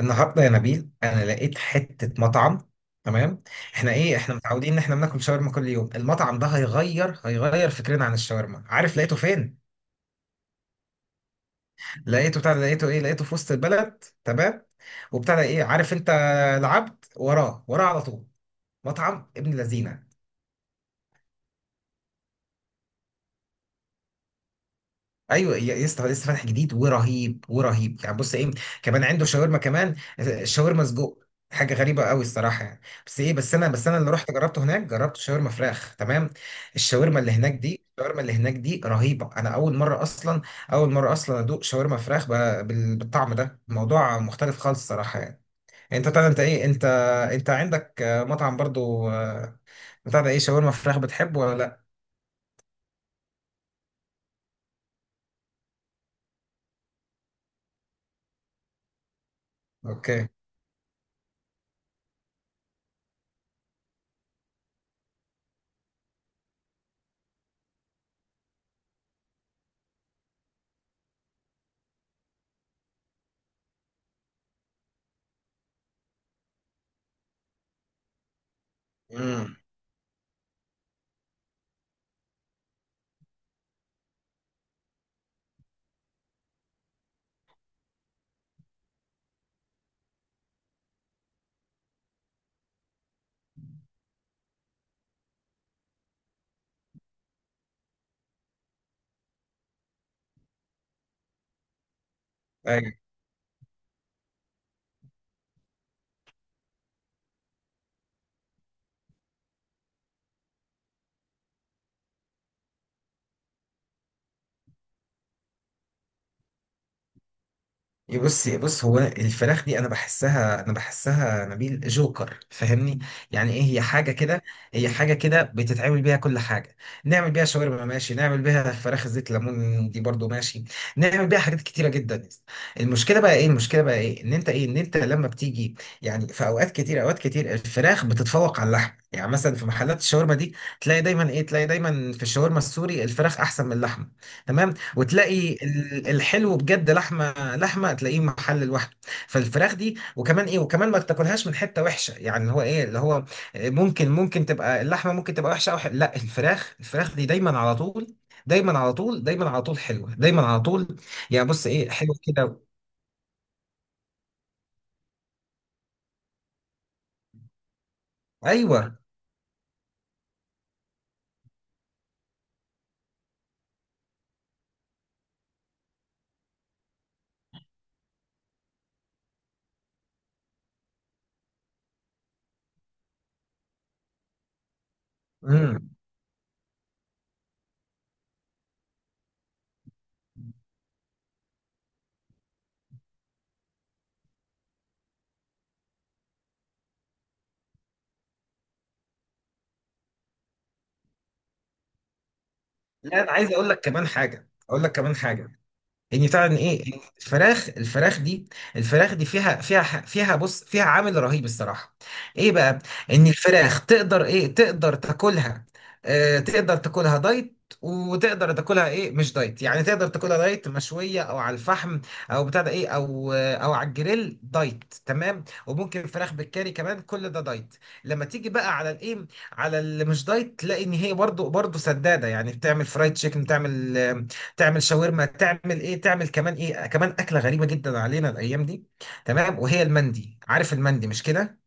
النهارده يا نبيل انا لقيت حته مطعم. تمام. احنا متعودين ان احنا بناكل شاورما كل يوم. المطعم ده هيغير فكرنا عن الشاورما. عارف لقيته فين؟ لقيته بتاع ده- لقيته ايه لقيته في وسط البلد. تمام. وبتاع ده ايه عارف انت؟ العبد وراه وراه على طول. مطعم ابن لذينه. ايوه يا اسطى، لسه فاتح جديد ورهيب ورهيب. يعني بص ايه كمان عنده شاورما. كمان شاورما سجق، حاجه غريبه قوي الصراحه يعني. بس انا اللي رحت جربته هناك، جربت شاورما فراخ. تمام. الشاورما اللي هناك دي رهيبه. انا اول مره اصلا اول مره اصلا ادوق شاورما فراخ بالطعم ده. الموضوع مختلف خالص الصراحه يعني. انت طبعا انت ايه انت انت عندك مطعم برضو بتاع ده ايه شاورما فراخ، بتحبه ولا لا؟ اوكي. امم. إيه، بص إيه، بص هو الفراخ دي، انا بحسها نبيل جوكر، فاهمني؟ يعني ايه، هي حاجه كده. هي حاجه كده بتتعمل بيها كل حاجه. نعمل بيها شاورما ماشي، نعمل بيها فراخ زيت ليمون دي برضو ماشي، نعمل بيها حاجات كتيره جدا. المشكله بقى ايه، ان انت لما بتيجي يعني، في اوقات كتير، اوقات كتير الفراخ بتتفوق على اللحم. يعني مثلا في محلات الشاورما دي، تلاقي دايما في الشاورما السوري الفراخ احسن من اللحمه. تمام. وتلاقي الحلو بجد لحمه، لحمه تلاقيه محل لوحده. فالفراخ دي وكمان ما تاكلهاش من حته وحشه، يعني اللي هو ممكن، ممكن تبقى اللحمه ممكن تبقى وحشه او حلوة. لا، الفراخ، الفراخ دي دايما على طول، دايما على طول، دايما على طول حلوه، دايما على طول. يعني بص ايه حلوه كده. ايوه. امم. لا، انا عايز اقول لك كمان حاجه اقول لك كمان حاجه، يعني بتاع ان فعلا إن الفراخ، الفراخ دي فيها، فيها ح- فيها بص فيها عامل رهيب الصراحه. ايه بقى؟ ان الفراخ تقدر تاكلها، آه تقدر تاكلها دايت، وتقدر تاكلها ايه مش دايت. يعني تقدر تاكلها دايت مشويه او على الفحم، او بتاع ده ايه او آه، او على الجريل دايت، تمام. وممكن فراخ بالكاري كمان، كل ده دايت. لما تيجي بقى على الايه على اللي مش دايت، تلاقي ان هي برضو، برضو سداده. يعني بتعمل فرايد تشيكن، بتعمل شاورما، تعمل كمان ايه كمان اكله غريبه جدا علينا الايام دي، تمام. وهي المندي، عارف المندي مش كده؟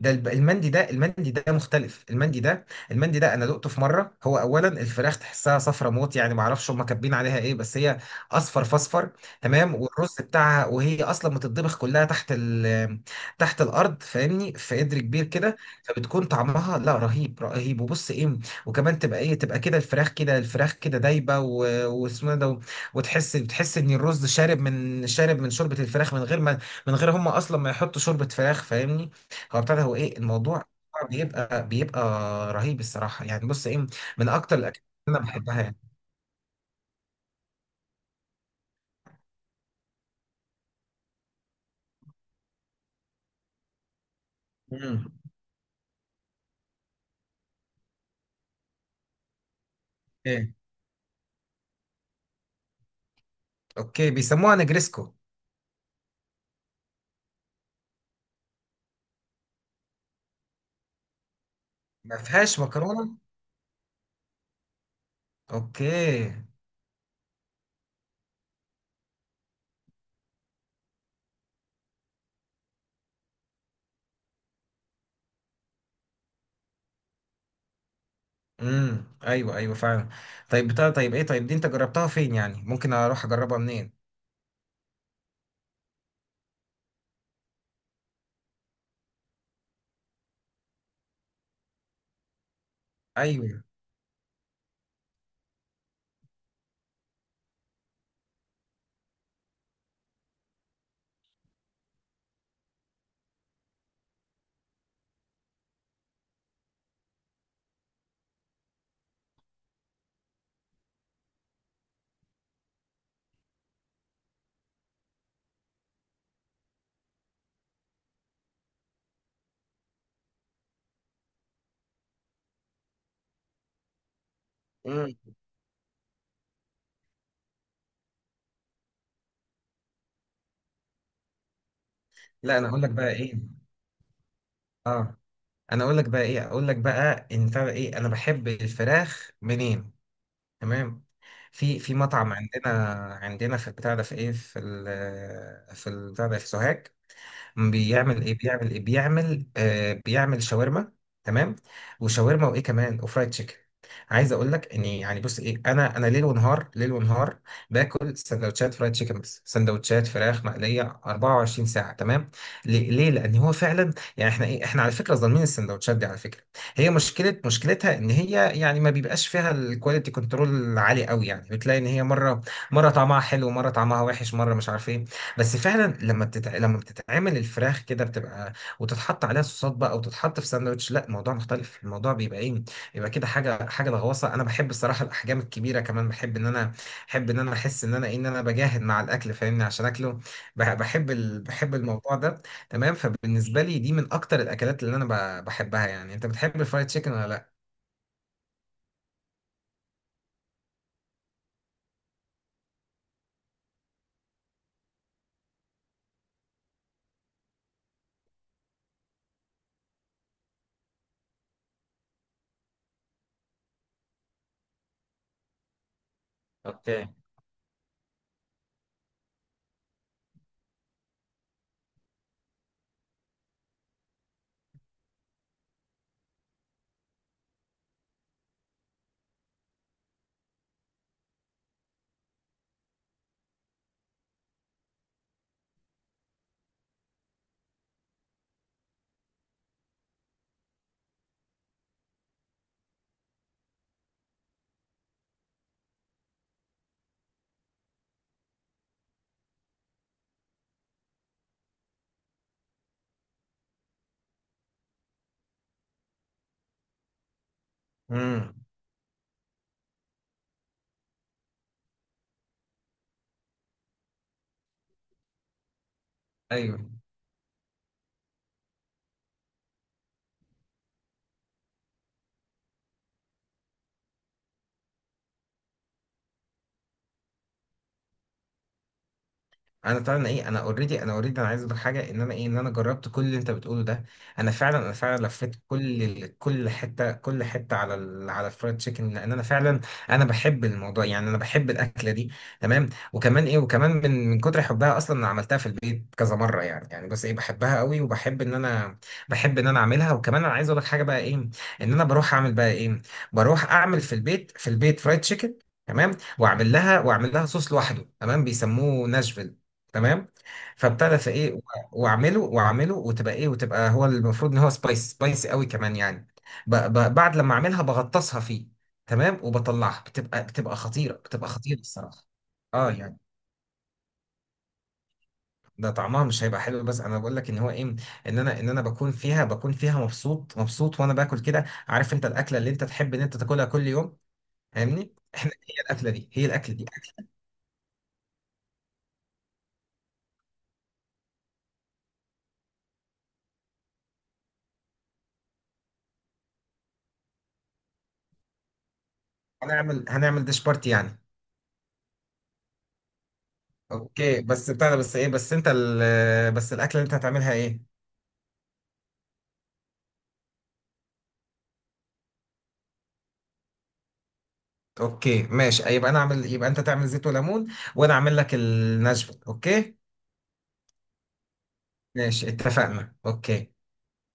ده المندي ده مختلف. المندي ده انا دقته في مره. هو اولا الفراخ تحسها صفرة موت، يعني ما اعرفش هم كاتبين عليها ايه، بس هي اصفر فاصفر. تمام. والرز بتاعها، وهي اصلا متطبخ كلها تحت ال، تحت الارض، فاهمني؟ في قدر كبير كده. فبتكون طعمها لا رهيب، رهيب. وبص ايه وكمان تبقى تبقى كده، الفراخ كده، الفراخ كده دايبه واسمه إيه ده، بتحس ان الرز شارب، من شوربه الفراخ، من غير ما، من غير هم اصلا ما يحطوا شوربه فراخ، فاهمني؟ فابتدى هو ايه الموضوع بيبقى رهيب الصراحه يعني. بص ايه من اكتر الاكلات اللي انا بحبها يعني. امم. ايه؟ اوكي، بيسموها نجريسكو. ما فيهاش مكرونه. اوكي. امم. ايوه، ايوه فعلا. طيب، بتاع طيب ايه طيب دي انت جربتها فين يعني؟ ممكن اروح اجربها منين؟ ايوه. امم. لا، انا اقول لك بقى ايه اه انا اقول لك بقى ايه اقول لك بقى، ان بتاع ده ايه انا بحب الفراخ منين، تمام. في مطعم عندنا، عندنا في البتاع ده في ايه في ال في البتاع ده في سوهاج. بيعمل ايه بيعمل ايه بيعمل آه بيعمل شاورما، تمام. وشاورما وايه كمان وفرايد تشيكن. عايز اقول لك ان يعني بص ايه انا ليل ونهار، ليل ونهار باكل سندوتشات فرايد تشيكن، بس سندوتشات فراخ مقليه 24 ساعه. تمام. ليه؟ ليه؟ لان هو فعلا يعني احنا ايه احنا على فكره ظالمين السندوتشات دي على فكره. هي مشكله، مشكلتها ان هي يعني ما بيبقاش فيها الكواليتي كنترول عالي قوي. يعني بتلاقي ان هي مره، مره طعمها حلو، مره طعمها وحش، مره مش عارف ايه. بس فعلا لما بتتعمل الفراخ كده، بتبقى وتتحط عليها صوصات بقى، او تتحط في ساندوتش، لا الموضوع مختلف. الموضوع بيبقى ايه بيبقى كده حاجه، حاجه لغواصه. انا بحب الصراحه الاحجام الكبيره كمان. بحب ان انا احس ان انا بجاهد مع الاكل فاهمني، عشان اكله. بحب الموضوع ده تمام. فبالنسبه لي، دي من اكتر الاكلات اللي انا بحبها يعني. انت بتحب الفرايد تشيكن ولا لا؟ امم. انا طبعا انا اوريدي، انا اوريدي، انا عايز اقول حاجه ان انا ايه ان انا جربت كل اللي انت بتقوله ده. انا فعلا لفيت كل حته على على الفرايد تشيكن، لان انا فعلا انا بحب الموضوع يعني، انا بحب الاكله دي تمام. وكمان من، من كتر حبها اصلا انا عملتها في البيت كذا مره يعني. يعني بس ايه بحبها قوي وبحب ان انا، بحب ان انا اعملها. وكمان انا عايز اقول لك حاجه، بقى ايه ان انا بروح اعمل، بقى ايه بروح اعمل في البيت، فرايد تشيكن، تمام. واعمل لها صوص لوحده، تمام، بيسموه ناشفيل، تمام. فابتدى في ايه و- واعمله واعمله وتبقى ايه وتبقى هو المفروض ان هو سبايس، سبايس قوي كمان يعني. ب ب بعد لما اعملها بغطسها فيه، تمام، وبطلعها، بتبقى خطيره، بتبقى خطيره الصراحه. اه يعني، ده طعمها مش هيبقى حلو، بس انا بقول لك ان هو ايه ان انا ان انا بكون فيها مبسوط، مبسوط وانا باكل كده. عارف انت الاكله اللي انت تحب ان انت تاكلها كل يوم فاهمني؟ احنا هي الاكله دي، هي الاكله دي. هنعمل ديش بارتي يعني. اوكي، بس بتاع ده بس ايه بس انت بس الاكله اللي انت هتعملها ايه؟ اوكي ماشي، يبقى انا اعمل، يبقى انت تعمل زيت وليمون، وانا اعمل لك النشفه. اوكي ماشي، اتفقنا. اوكي.